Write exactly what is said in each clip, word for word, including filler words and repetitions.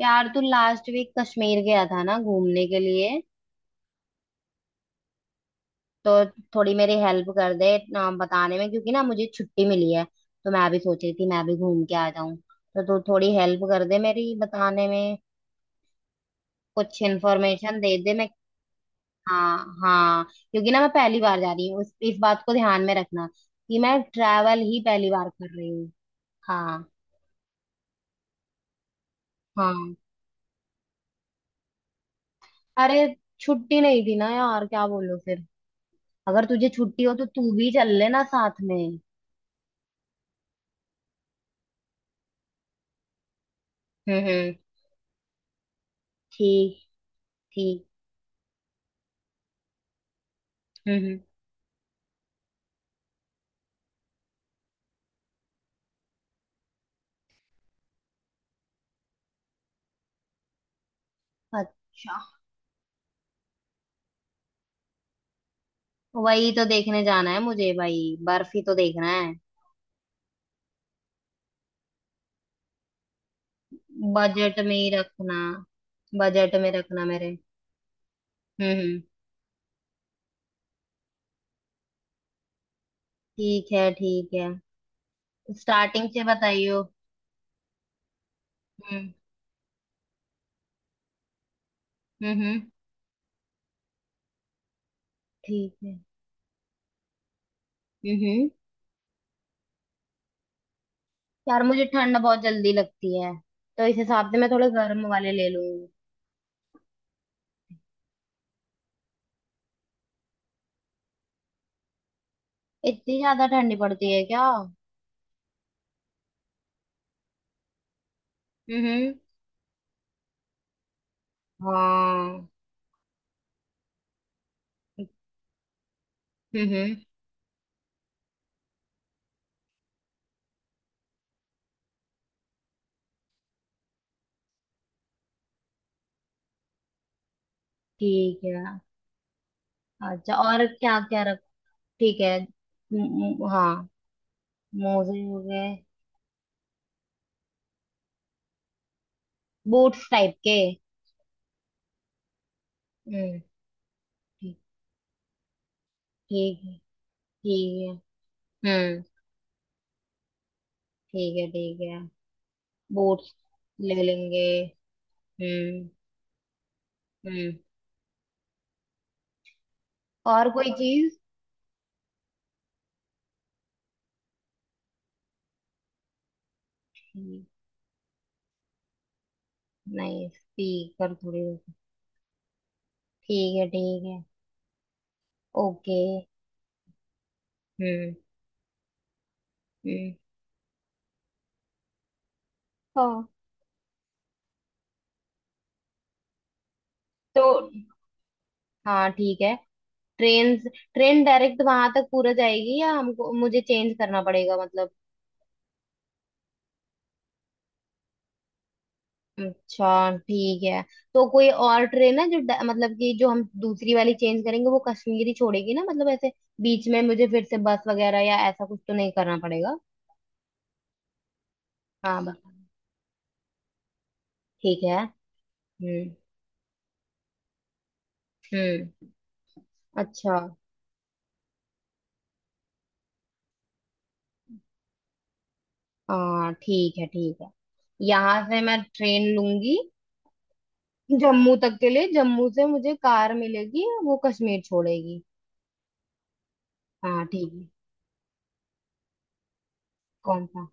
यार, तू last week Kashmir गया था ना घूमने के लिए। तो थोड़ी मेरी हेल्प कर दे ना बताने में, क्योंकि ना मुझे छुट्टी मिली है। तो मैं भी सोच रही थी मैं भी घूम के आ जाऊं, तो तू थोड़ी हेल्प कर दे मेरी बताने में। कुछ इन्फॉर्मेशन दे दे। मैं… हाँ। हाँ। क्योंकि ना मैं पहली बार जा रही हूँ, उस इस बात को ध्यान में रखना कि मैं ट्रैवल ही पहली बार कर रही हूँ। हाँ। हाँ। अरे, छुट्टी नहीं थी ना यार, क्या बोलूं फिर। अगर तुझे छुट्टी हो तो तू भी चल लेना साथ में। हम्म हम्म। ठीक। ठीक। हम्म हम्म। अच्छा, वही तो देखने जाना है मुझे भाई, बर्फी तो देखना है। बजट में ही रखना। बजट में रखना मेरे। हम्म हम्म। ठीक है। ठीक है। स्टार्टिंग से बताइयो। हम्म। हम्म हम्म। ठीक है। हम्म हम्म। यार, मुझे ठंड बहुत जल्दी लगती है, तो इस हिसाब से मैं थोड़े गर्म वाले ले लूंगी। इतनी ज्यादा ठंडी पड़ती है क्या? हम्म। हम्म, हाँ। हम्म हम्म। ठीक है। अच्छा, और क्या क्या? ठीक है। म- म- हाँ। मोजे हो गए। बूट्स टाइप के। हम्म। ठीक। ठीक है। ठीक है। हम्म। ठीक है। ठीक है। बूट्स ले लेंगे। हम्म। हम्म। और कोई चीज? ठीक। नहीं, स्पीकर थोड़ी। ठीक है। ठीक है। ओके। हम्म हम्म। हाँ। तो हाँ, ठीक है। ट्रेन। ट्रेन डायरेक्ट वहां तक पूरा जाएगी या हमको, मुझे चेंज करना पड़ेगा मतलब? अच्छा, ठीक है। तो कोई और ट्रेन है जो ड- मतलब कि जो हम दूसरी वाली चेंज करेंगे वो कश्मीरी छोड़ेगी ना, मतलब ऐसे? बीच में मुझे फिर से बस वगैरह या ऐसा कुछ तो नहीं करना पड़ेगा? हाँ बस, ठीक है। हम्म हम्म। अच्छा, हाँ ठीक है, ठीक है। यहाँ से मैं ट्रेन लूंगी जम्मू तक के लिए, जम्मू से मुझे कार मिलेगी, वो कश्मीर छोड़ेगी। हाँ ठीक है। कौन सा?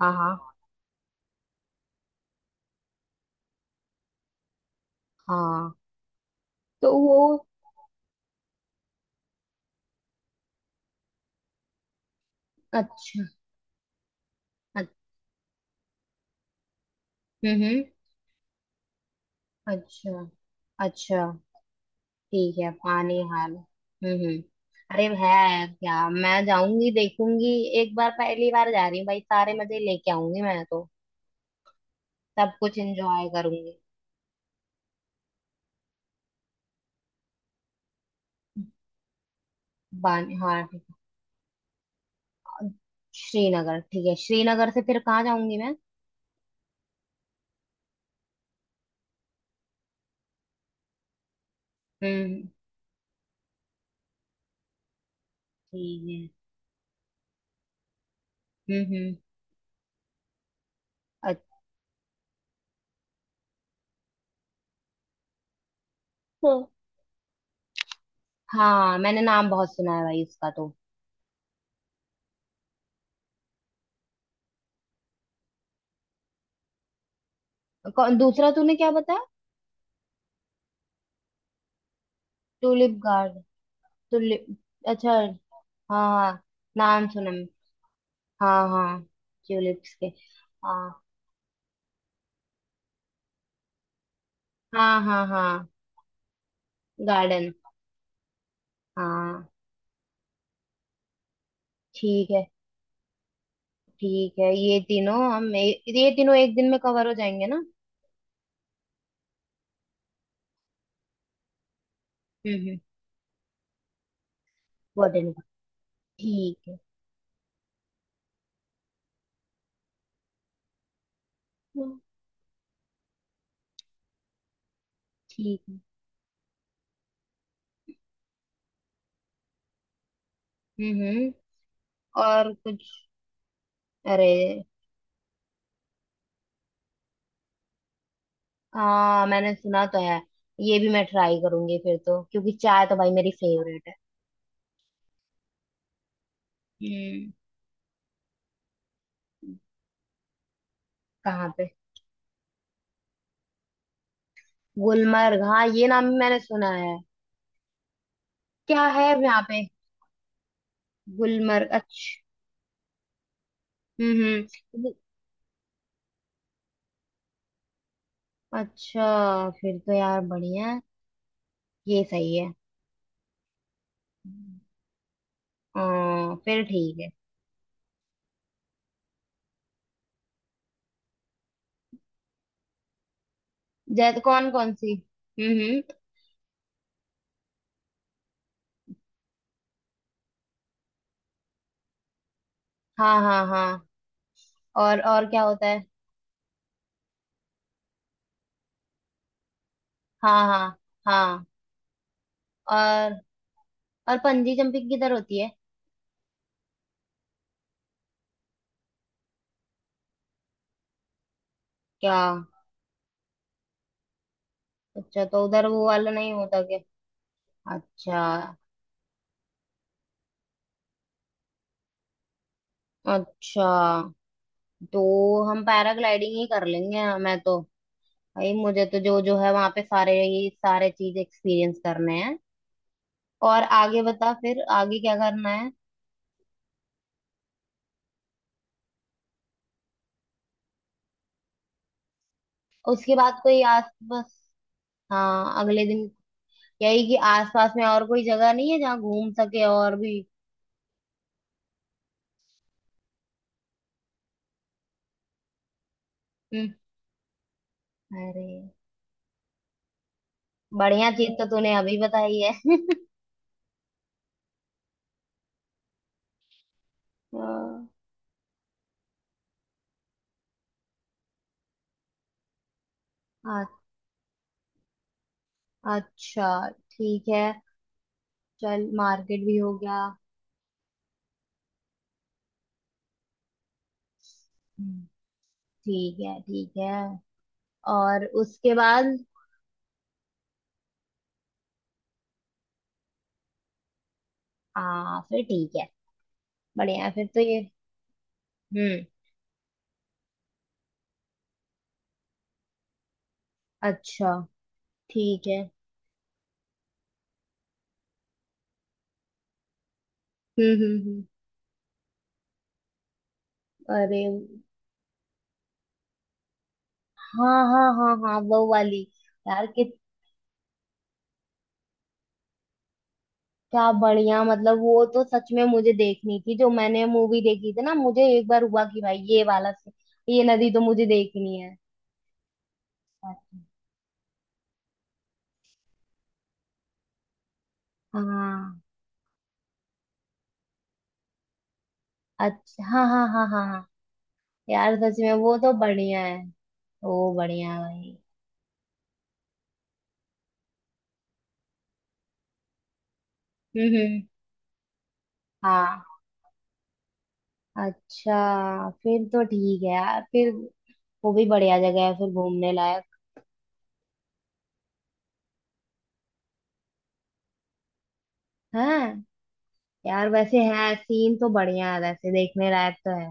हाँ हाँ हाँ। तो वो… अच्छा। अच्छा। हम्म हम्म। अच्छा। अच्छा। ठीक है, पानीहाल। हम्म हम्म। अरे, है क्या, मैं जाऊंगी देखूंगी। एक बार पहली बार जा रही हूँ भाई, सारे मजे लेके आऊंगी मैं तो। सब कुछ एंजॉय करूंगी। बानीहाल ठीक है। श्रीनगर ठीक है। श्रीनगर से फिर कहाँ जाऊंगी मैं? हम्म हम्म। ठीक है। हम्म हम्म। अच्छा। हाँ, मैंने नाम बहुत सुना है भाई इसका तो। कौन दूसरा, तूने क्या बताया? Tulip guard tulip. अच्छा। हाँ हाँ, नाम सुना। हाँ हाँ। ट्यूलिप्स के। हाँ हाँ हाँ हाँ। गार्डन। हाँ। ठीक है। ठीक है, ये तीनों हम ए, ये तीनों एक दिन में कवर हो जाएंगे ना? हम्म हम्म। बॉटनी का। ठीक है। हम्म। ठीक है। हम्म हम्म। और कुछ? अरे, हाँ मैंने सुना तो है। ये भी मैं ट्राई करूंगी फिर तो, क्योंकि चाय तो भाई मेरी फेवरेट है। हम्म। कहाँ पे? गुलमर्ग, हाँ ये नाम भी मैंने सुना है। क्या है यहाँ पे? गुलमर्ग। अच्छा। हम्म हम्म। अच्छा, फिर तो यार बढ़िया है। ये सही है। हाँ फिर ठीक है। जैसे कौन कौन सी? हम्म हम्म। हाँ हाँ हाँ। और और क्या होता है? हाँ हाँ हाँ। और और पंजी जंपिंग किधर होती है? क्या? अच्छा, तो उधर वो वाला नहीं होता क्या? अच्छा। अच्छा, तो हम पैराग्लाइडिंग ही कर लेंगे मैं तो। भाई, मुझे तो जो जो है वहां पे सारे, ये सारे चीज एक्सपीरियंस करने हैं। और आगे बता, फिर आगे क्या करना है? उसके बाद कोई आस… बस। हाँ, अगले दिन। यही कि आस पास में और कोई जगह नहीं है जहाँ घूम सके और भी? हम्म। अरे, बढ़िया चीज तो तूने अभी बताई है हाँ। अ- अच्छा, ठीक है। चल, मार्केट भी हो गया। हम्म। ठीक है, ठीक है। और उसके बाद? हाँ, फिर ठीक है, बढ़िया है फिर तो ये। हम्म। अच्छा ठीक है। हम्म हम्म हम्म। अरे, हाँ हाँ हाँ हाँ, वो वाली। यार कित क्या बढ़िया, मतलब वो तो सच में मुझे देखनी थी, जो मैंने मूवी देखी थी ना, मुझे एक बार हुआ कि भाई ये वाला से ये नदी तो मुझे देखनी है। हाँ। अच्छा, हाँ हाँ हाँ हाँ हाँ। यार सच में वो तो बढ़िया है। वो बढ़िया है भाई। हम्म हम्म। हाँ। अच्छा फिर तो ठीक है यार फिर। वो भी बढ़िया जगह है फिर घूमने लायक है। यार, वैसे है, सीन तो बढ़िया है वैसे, देखने लायक तो है।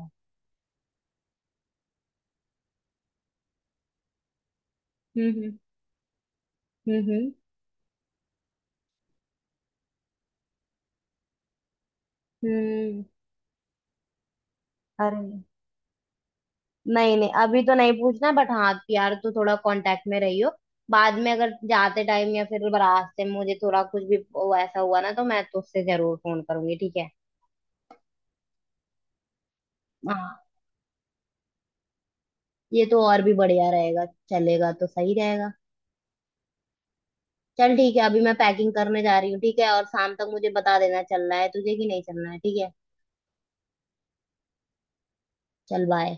हम्म हम्म हम्म हम्म हम्म। अरे, नहीं नहीं, अभी तो नहीं पूछना, बट हाँ यार तू थोड़ा कांटेक्ट में रही हो। बाद में अगर जाते टाइम या फिर रास्ते में मुझे थोड़ा कुछ भी वो ऐसा हुआ ना तो मैं तुझसे जरूर फोन करूंगी, ठीक है? हाँ। ये तो और भी बढ़िया रहेगा। चलेगा तो सही रहेगा। चल ठीक है, अभी मैं पैकिंग करने जा रही हूँ, ठीक है? और शाम तक मुझे बता देना चलना है तुझे कि नहीं चलना है, ठीक है? चल, बाय।